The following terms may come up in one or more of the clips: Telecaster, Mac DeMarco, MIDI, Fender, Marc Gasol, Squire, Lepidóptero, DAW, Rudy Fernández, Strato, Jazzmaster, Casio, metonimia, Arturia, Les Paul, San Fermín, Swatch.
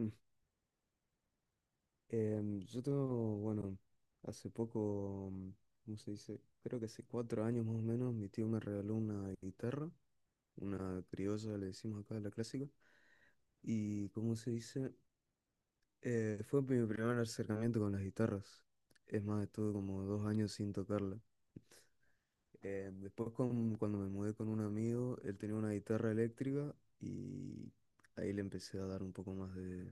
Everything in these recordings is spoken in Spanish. Mm. Yo tengo, hace poco, ¿cómo se dice? Creo que hace cuatro años más o menos, mi tío me regaló una guitarra, una criolla, le decimos acá, la clásica. Y, ¿cómo se dice? Fue mi primer acercamiento con las guitarras. Es más, estuve como dos años sin tocarla. Después, cuando me mudé con un amigo, él tenía una guitarra eléctrica y ahí le empecé a dar un poco más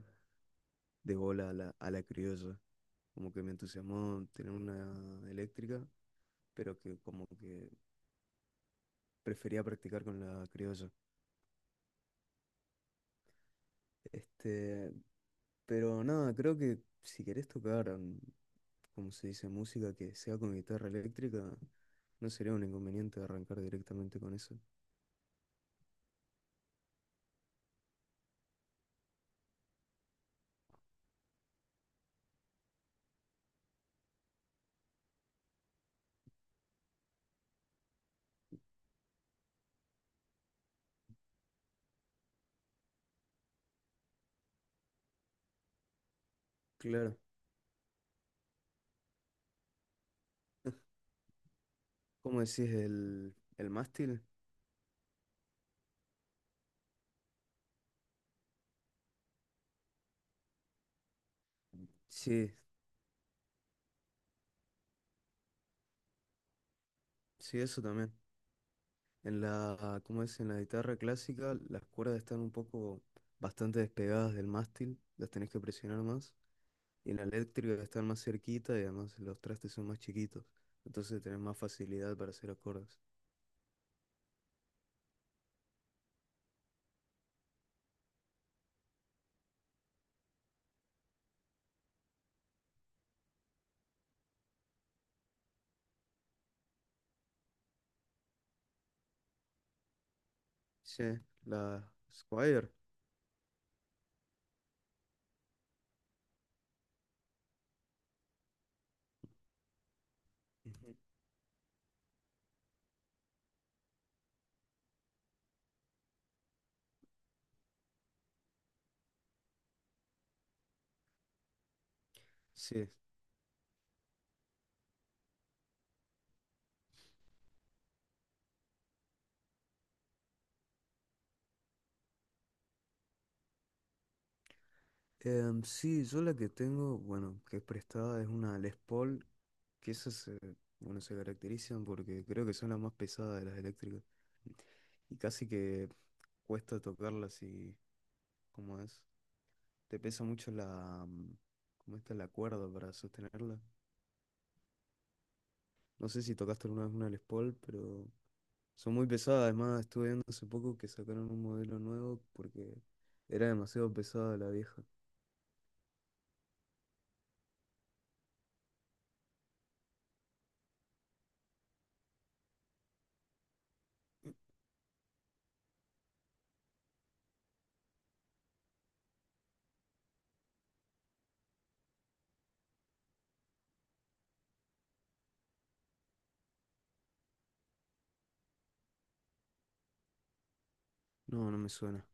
de bola a la criolla. Como que me entusiasmó tener una eléctrica, pero que como que prefería practicar con la criolla. Este, pero nada, creo que si querés tocar, como se dice, música que sea con guitarra eléctrica, no sería un inconveniente arrancar directamente con eso. Claro. ¿Cómo decís el mástil? Sí, sí, eso también. En ¿cómo es? En la guitarra clásica, las cuerdas están un poco bastante despegadas del mástil, las tenés que presionar más. Y la eléctrica está más cerquita y además los trastes son más chiquitos. Entonces tenés más facilidad para hacer acordes. Sí, la Squire. Ujú. Sí. Sí, yo la que tengo, bueno, que es prestada es una Les Paul, que esas se, bueno, se caracterizan porque creo que son las más pesadas de las eléctricas. Y casi que cuesta tocarlas y, ¿cómo es? Te pesa mucho la, ¿cómo está la cuerda para sostenerla? No sé si tocaste alguna vez una Les Paul, pero son muy pesadas. Además estuve viendo hace poco que sacaron un modelo nuevo porque era demasiado pesada la vieja. No, no me suena.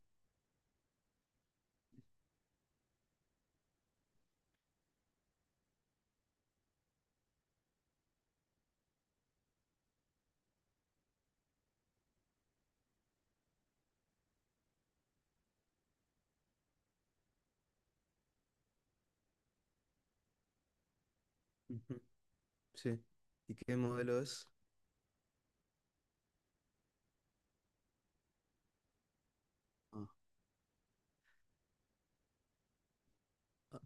Ujú. Sí. ¿Y qué modelo es? Ah, ah,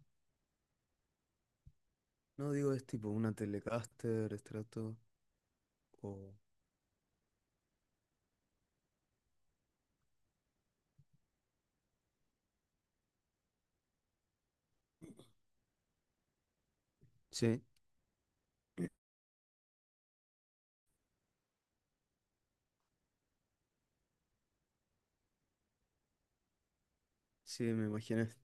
no digo, es tipo una Telecaster, Strato o... Sí, sí, me imaginé.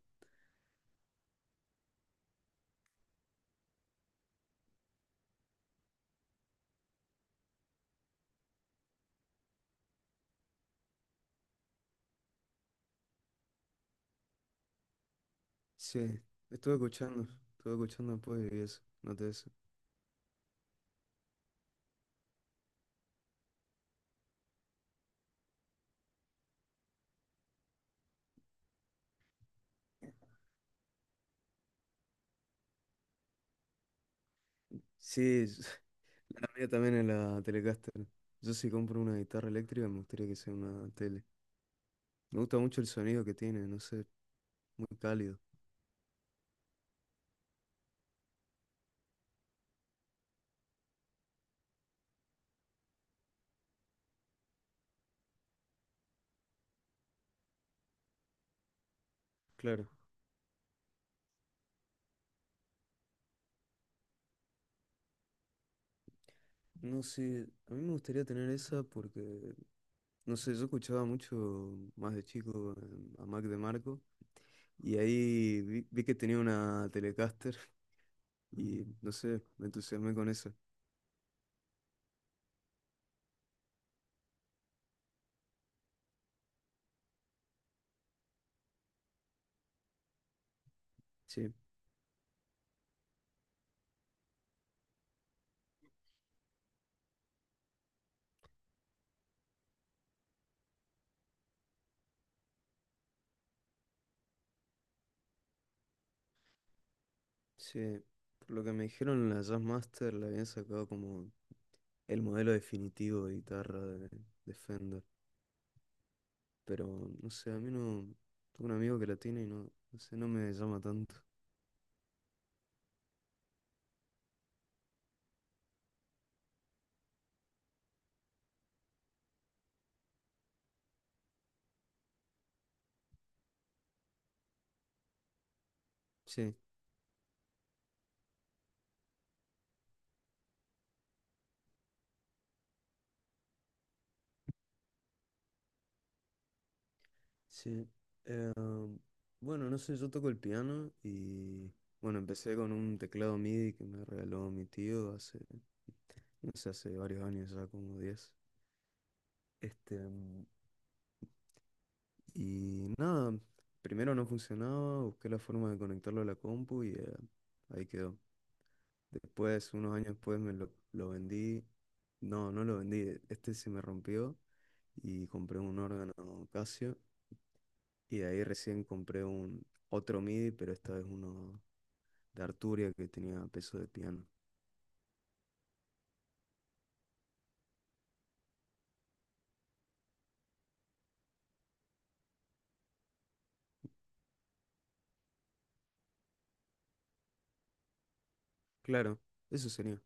Sí, estuve escuchando, estuve escuchando después y eso, noté eso. Sí, la mía también es la Telecaster. Yo si compro una guitarra eléctrica me gustaría que sea una tele. Me gusta mucho el sonido que tiene, no sé, muy cálido. Claro. No sé, a mí me gustaría tener esa porque, no sé, yo escuchaba mucho más de chico a Mac DeMarco y ahí vi, vi que tenía una Telecaster y, no sé, me entusiasmé con eso. Sí, sí. Por lo que me dijeron, la Jazzmaster la habían sacado como el modelo definitivo de guitarra de Fender. Pero, no sé, a mí no... Tengo un amigo que la tiene y no, no sé, no me llama tanto. Sí, sí. Ah, bueno, no sé, yo toco el piano y bueno, empecé con un teclado MIDI que me regaló mi tío hace, no sé, hace varios años, ya como diez. Este, mm, y nada, primero no funcionaba, busqué la forma de conectarlo a la compu y ahí quedó. Después, unos años después, lo vendí. No, no lo vendí, este se me rompió y compré un órgano Casio. Y de ahí recién compré un otro MIDI, pero esta vez uno de Arturia que tenía peso de piano. Claro, eso sería.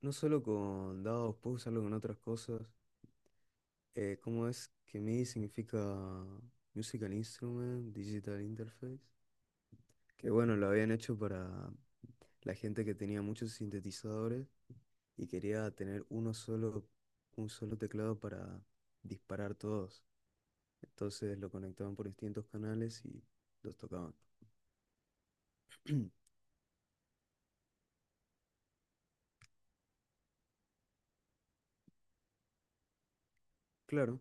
No solo con dados, puedo usarlo con otras cosas. ¿Cómo es? Que MIDI significa Musical Instrument, Digital Interface. Que bueno, lo habían hecho para la gente que tenía muchos sintetizadores y quería tener uno solo, un solo teclado para disparar todos. Entonces lo conectaban por distintos canales y los tocaban. Claro,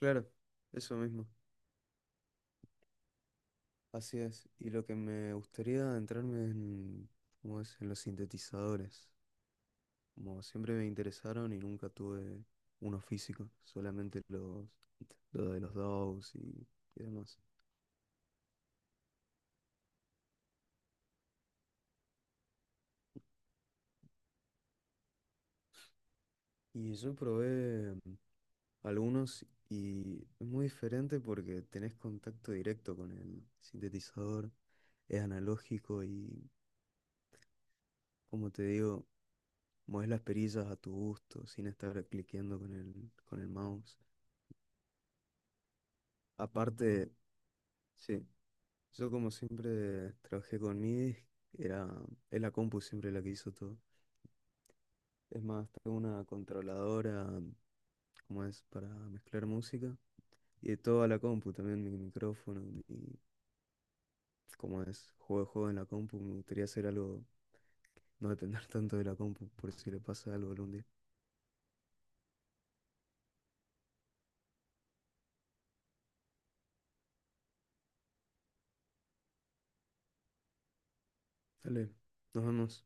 claro, eso mismo. Así es. Y lo que me gustaría adentrarme es en, ¿cómo es? En los sintetizadores. Como siempre me interesaron y nunca tuve uno físico, solamente los de los DAWs y demás. Y yo probé algunos y es muy diferente porque tenés contacto directo con el sintetizador, es analógico y, como te digo, mueves las perillas a tu gusto sin estar cliqueando con con el mouse. Aparte, sí. Yo como siempre trabajé con MIDI, era, es la compu siempre la que hizo todo. Es más, tengo una controladora, como es, para mezclar música. Y toda la compu, también mi micrófono, y como es, juego de juego en la compu. Me gustaría hacer algo, no depender tanto de la compu, por si le pasa algo algún día. Dale, nos vemos.